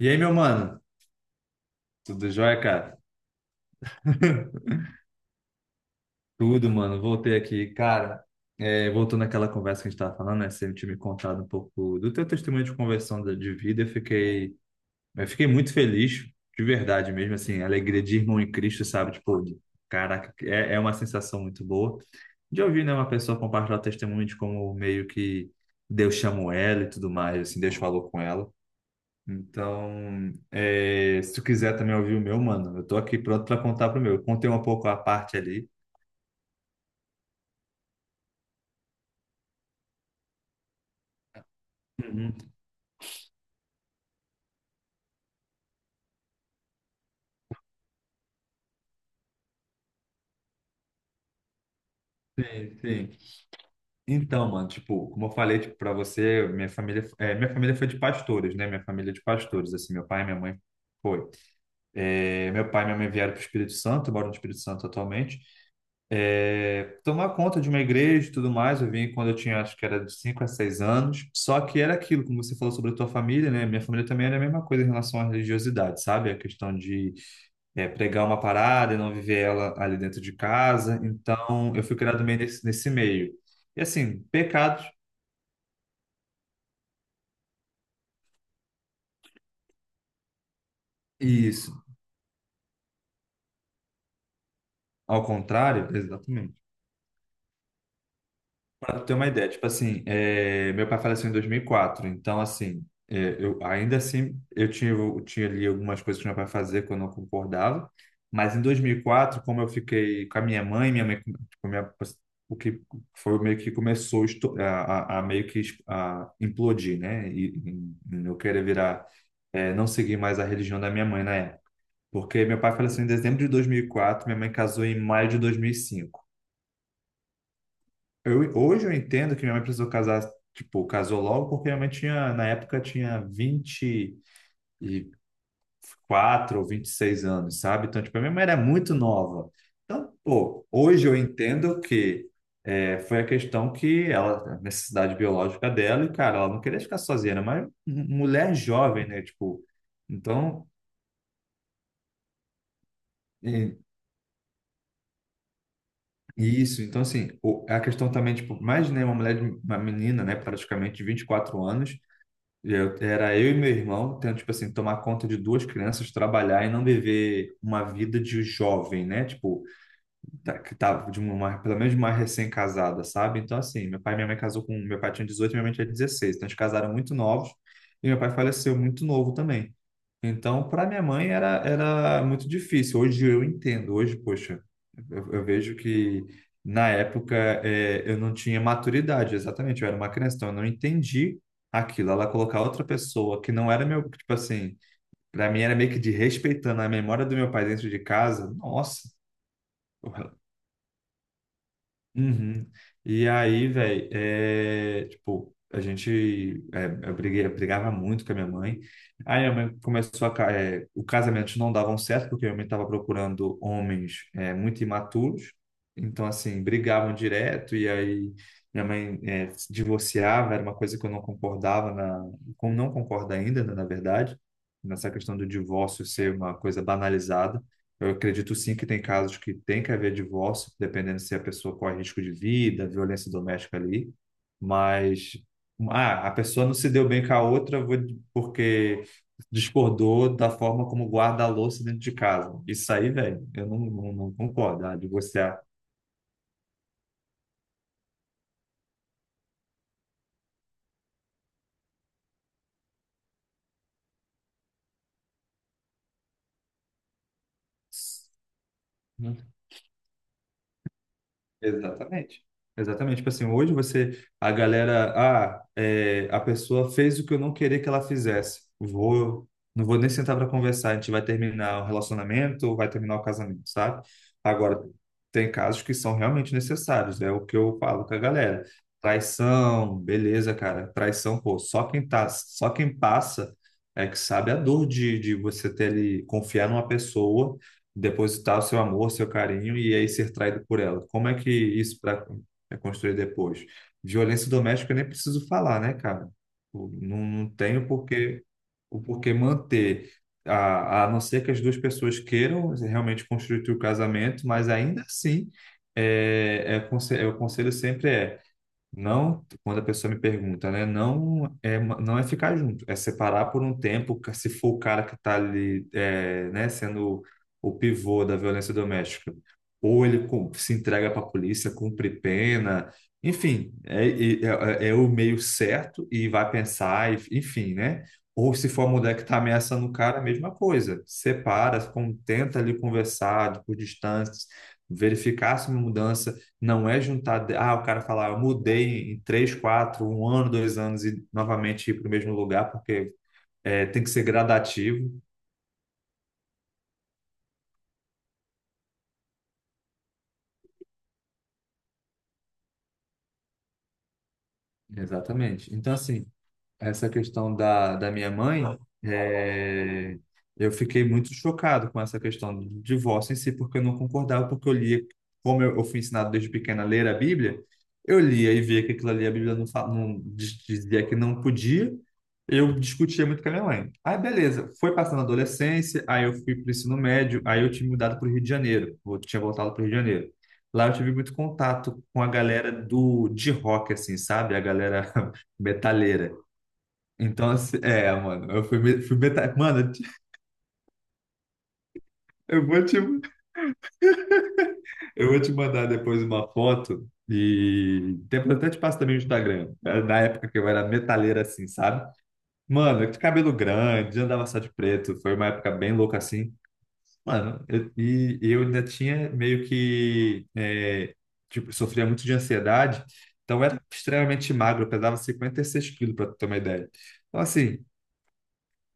E aí, meu mano? Tudo jóia, cara? Tudo, mano. Voltei aqui. Cara, voltando àquela conversa que a gente tava falando, né? Você tinha me contado um pouco do teu testemunho de conversão de vida. Eu fiquei muito feliz, de verdade mesmo, assim, alegria de irmão em Cristo, sabe? Tipo, caraca, é uma sensação muito boa de ouvir, né, uma pessoa compartilhar o testemunho de como meio que Deus chamou ela e tudo mais, assim, Deus falou com ela. Então, se tu quiser também ouvir o meu, mano, eu tô aqui pronto pra contar pro meu. Eu contei um pouco a parte ali. Uhum. Sim, sim. Então, mano, tipo, como eu falei, tipo, para você, minha família, minha família foi de pastores, né? Minha família é de pastores, assim, meu pai e minha mãe foi. Meu pai e minha mãe vieram pro Espírito Santo, moram no Espírito Santo atualmente. Tomar conta de uma igreja e tudo mais. Eu vim quando eu tinha, acho que era de 5 a 6 anos. Só que era aquilo, como você falou sobre a tua família, né? Minha família também era a mesma coisa em relação à religiosidade, sabe? A questão de pregar uma parada e não viver ela ali dentro de casa. Então, eu fui criado meio nesse meio. E assim, pecados, e isso, ao contrário, exatamente. Para tu ter uma ideia, tipo assim, meu pai faleceu em 2004. Então assim, eu ainda assim eu tinha ali algumas coisas que meu pai fazia que eu não concordava, mas em 2004, como eu fiquei com a minha mãe, o que foi meio que começou a meio que a implodir, né? E, eu querer virar, não seguir mais a religião da minha mãe na época, porque meu pai faleceu em dezembro de 2004, minha mãe casou em maio de 2005. Eu, hoje eu entendo que minha mãe precisou casar, tipo, casou logo porque minha mãe tinha, na época, tinha 24 ou 26 anos, sabe? Então, tipo, a minha mãe era muito nova. Então, pô, hoje eu entendo que foi a questão que ela, a necessidade biológica dela, e, cara, ela não queria ficar sozinha, era uma mulher jovem, né? Tipo, então, e- e isso. Então, assim, a questão também, tipo, mais imaginei uma mulher, uma menina, né, praticamente de 24 anos. Eu, era eu e meu irmão, tendo, tipo assim, tomar conta de duas crianças, trabalhar e não viver uma vida de jovem, né? Tipo, que tava de uma, pelo menos de uma recém-casada, sabe? Então, assim, meu pai e minha mãe casou com, meu pai tinha 18 e minha mãe tinha 16, então eles casaram muito novos e meu pai faleceu muito novo também. Então, para minha mãe era, era muito difícil. Hoje eu entendo, hoje, poxa, eu vejo que na época eu não tinha maturidade, exatamente, eu era uma criança, então eu não entendi aquilo. Ela colocar outra pessoa que não era meu, tipo assim, para mim era meio que de respeitando a memória do meu pai dentro de casa. Nossa. Uhum. E aí, velho, tipo, a gente, eu briguei, eu brigava muito com a minha mãe. Aí a minha mãe começou a, o casamento não davam certo, porque a minha mãe estava procurando homens, muito imaturos. Então, assim, brigavam direto, e aí minha mãe, se divorciava, era uma coisa que eu não concordava, como não concordo ainda, né, na verdade, nessa questão do divórcio ser uma coisa banalizada. Eu acredito sim que tem casos que tem que haver divórcio, dependendo se a pessoa corre risco de vida, violência doméstica ali, mas ah, a pessoa não se deu bem com a outra porque discordou da forma como guarda a louça dentro de casa. Isso aí, velho, eu não concordo. Ah, divorciar. Exatamente. Exatamente. Tipo assim, hoje você, a galera, a pessoa fez o que eu não queria que ela fizesse. Não vou nem sentar para conversar. A gente vai terminar o relacionamento ou vai terminar o casamento, sabe? Agora, tem casos que são realmente necessários. É o que eu falo com a galera. Traição, beleza, cara. Traição, pô, só quem tá, só quem passa é que sabe a dor de você ter ali, confiar numa pessoa, depositar o seu amor, seu carinho e aí ser traído por ela. Como é que isso pra, é construído depois? Violência doméstica eu nem preciso falar, né, cara? Eu não tenho porquê, o porquê manter, a não ser que as duas pessoas queiram realmente construir o casamento, mas ainda assim, o conselho sempre é não, quando a pessoa me pergunta, né? Não é, não é ficar junto, é separar por um tempo, se for o cara que está ali, né, sendo o pivô da violência doméstica. Ou ele se entrega para a polícia, cumpre pena, enfim, é o meio certo e vai pensar, enfim, né? Ou se for a mulher que está ameaçando o cara, a mesma coisa. Separa, tenta ali conversar por distância, verificar se uma mudança. Não é juntar, ah, o cara falar, eu mudei em três, quatro, um ano, dois anos e novamente ir para o mesmo lugar, porque tem que ser gradativo. Exatamente. Então, assim, essa questão da minha mãe, é, eu fiquei muito chocado com essa questão do divórcio em si, porque eu não concordava, porque eu lia, como eu fui ensinado desde pequena a ler a Bíblia, eu lia e via que aquilo ali a Bíblia não, dizia que não podia, eu discutia muito com a minha mãe. Aí, beleza, foi passando a adolescência, aí eu fui para o ensino médio, aí eu tinha mudado para o Rio de Janeiro, eu tinha voltado para o Rio de Janeiro. Lá eu tive muito contato com a galera do de rock, assim, sabe? A galera metaleira. Então, assim, mano, eu fui, fui metade. Mano, eu vou te, eu vou te mandar depois uma foto e depois eu até te passo também o Instagram. Era na época que eu era metaleiro assim, sabe? Mano, de cabelo grande, andava só de preto, foi uma época bem louca assim. Mano, e eu ainda tinha meio que. Tipo, sofria muito de ansiedade, então eu era extremamente magro, eu pesava 56 quilos, pra tu ter uma ideia. Então, assim.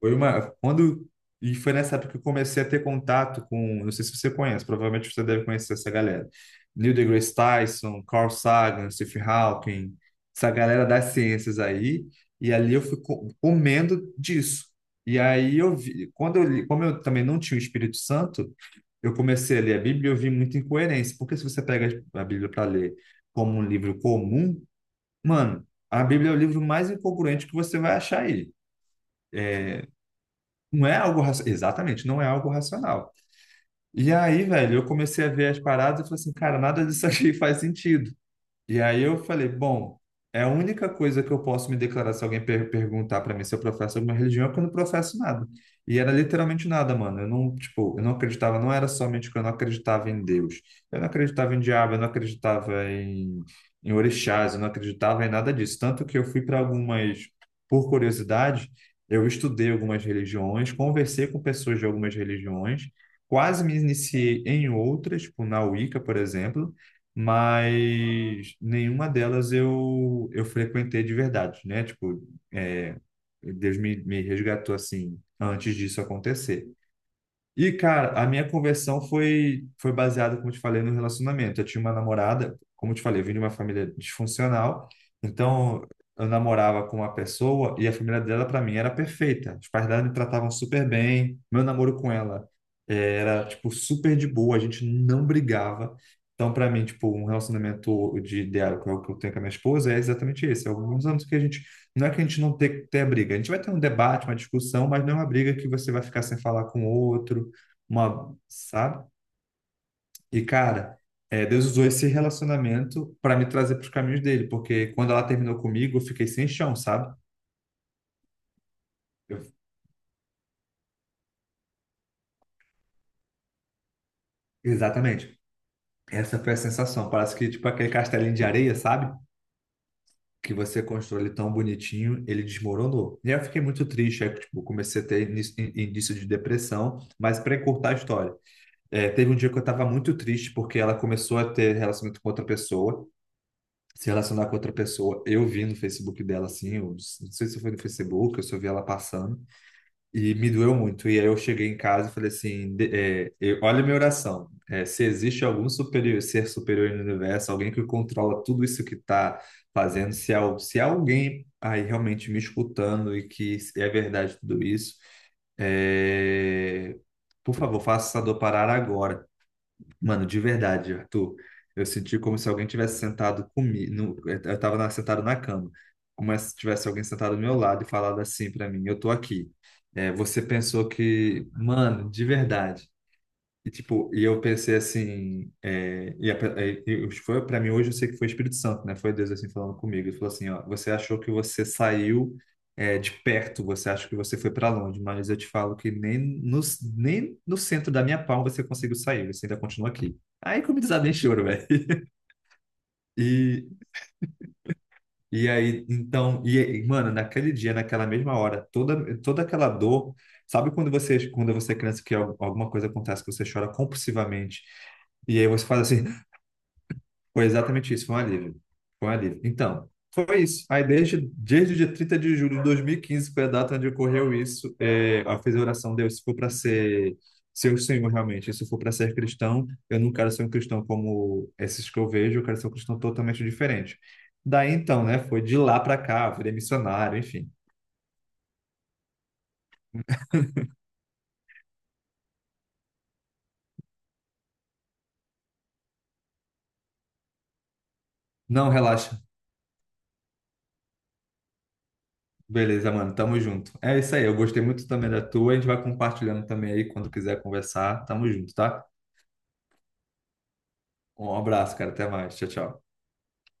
Foi uma. Quando. E foi nessa época que eu comecei a ter contato com. Não sei se você conhece, provavelmente você deve conhecer essa galera. Neil deGrasse Tyson, Carl Sagan, Stephen Hawking, essa galera das ciências aí. E ali eu fui comendo disso. E aí eu vi. Quando eu li, como eu também não tinha o Espírito Santo, eu comecei a ler a Bíblia e eu vi muita incoerência. Porque se você pega a Bíblia para ler como um livro comum, mano, a Bíblia é o livro mais incongruente que você vai achar aí. Não é algo racional. Exatamente, não é algo racional. E aí, velho, eu comecei a ver as paradas e falei assim, cara, nada disso aqui faz sentido. E aí eu falei, bom, é a única coisa que eu posso me declarar se alguém perguntar para mim se eu professo alguma religião é que eu não professo nada. E era literalmente nada, mano. Eu não, tipo, eu não acreditava, não era somente que eu não acreditava em Deus. Eu não acreditava em diabo, eu não acreditava em orixás, eu não acreditava em nada disso. Tanto que eu fui para algumas, por curiosidade, eu estudei algumas religiões, conversei com pessoas de algumas religiões, quase me iniciei em outras, tipo na Wicca, por exemplo, mas nenhuma delas eu frequentei de verdade, né? Tipo, é, Deus me resgatou assim antes disso acontecer. E, cara, a minha conversão foi baseada, como eu te falei, no relacionamento. Eu tinha uma namorada, como eu te falei, eu vim de uma família disfuncional, então eu namorava com uma pessoa e a família dela, para mim, era perfeita. Os pais dela me tratavam super bem, meu namoro com ela era, tipo, super de boa, a gente não brigava. Então, para mim, tipo, um relacionamento de ideal que é o que eu tenho com a minha esposa é exatamente esse. É alguns anos que a gente. Não é que a gente não tenha briga, a gente vai ter um debate, uma discussão, mas não é uma briga que você vai ficar sem falar com o outro uma, sabe? E, cara, Deus usou esse relacionamento para me trazer para os caminhos dele, porque quando ela terminou comigo, eu fiquei sem chão, sabe? Eu- exatamente. Essa foi a sensação. Parece que, tipo, aquele castelinho de areia, sabe? Que você constrói ele tão bonitinho, ele desmoronou. E aí eu fiquei muito triste, aí, tipo, comecei a ter início de depressão, mas para encurtar a história. É, teve um dia que eu estava muito triste porque ela começou a ter relacionamento com outra pessoa se relacionar com outra pessoa. Eu vi no Facebook dela, assim, eu não sei se foi no Facebook, eu só vi ela passando, e me doeu muito. E aí eu cheguei em casa e falei assim: olha a minha oração. É, se existe algum superior, ser superior no universo, alguém que controla tudo isso que está fazendo, se há alguém aí realmente me escutando e que é verdade tudo isso, é, por favor, faça essa dor parar agora. Mano, de verdade, Arthur, eu senti como se alguém tivesse sentado comigo. Eu estava sentado na cama, como se tivesse alguém sentado do meu lado e falado assim para mim: eu tô aqui. É, você pensou que. Mano, de verdade. E, tipo, eu pensei assim, é, e, a, e e foi para mim hoje, eu sei que foi o Espírito Santo, né? Foi Deus assim falando comigo. Ele falou assim, ó, você achou que você saiu de perto, você acha que você foi para longe, mas eu te falo que nem no centro da minha palma você conseguiu sair, você ainda continua aqui. Aí que eu me desabei em choro, velho. E, e aí, então, e, mano, naquele dia, naquela mesma hora, toda, toda aquela dor, sabe quando você é criança que alguma coisa acontece que você chora compulsivamente? E aí você faz assim. Foi exatamente isso, foi um alívio. Foi um alívio. Então, foi isso. Aí desde o dia 30 de julho de 2015 foi a data onde ocorreu isso. É, eu fiz a oração, Deus, se for para ser o Senhor realmente, se for para ser cristão, eu não quero ser um cristão como esses que eu vejo, eu quero ser um cristão totalmente diferente. Daí então, né, foi de lá para cá, virei missionário, enfim. Não, relaxa. Beleza, mano, tamo junto. É isso aí, eu gostei muito também da tua, a gente vai compartilhando também aí quando quiser conversar. Tamo junto, tá? Um abraço, cara, até mais. Tchau, tchau.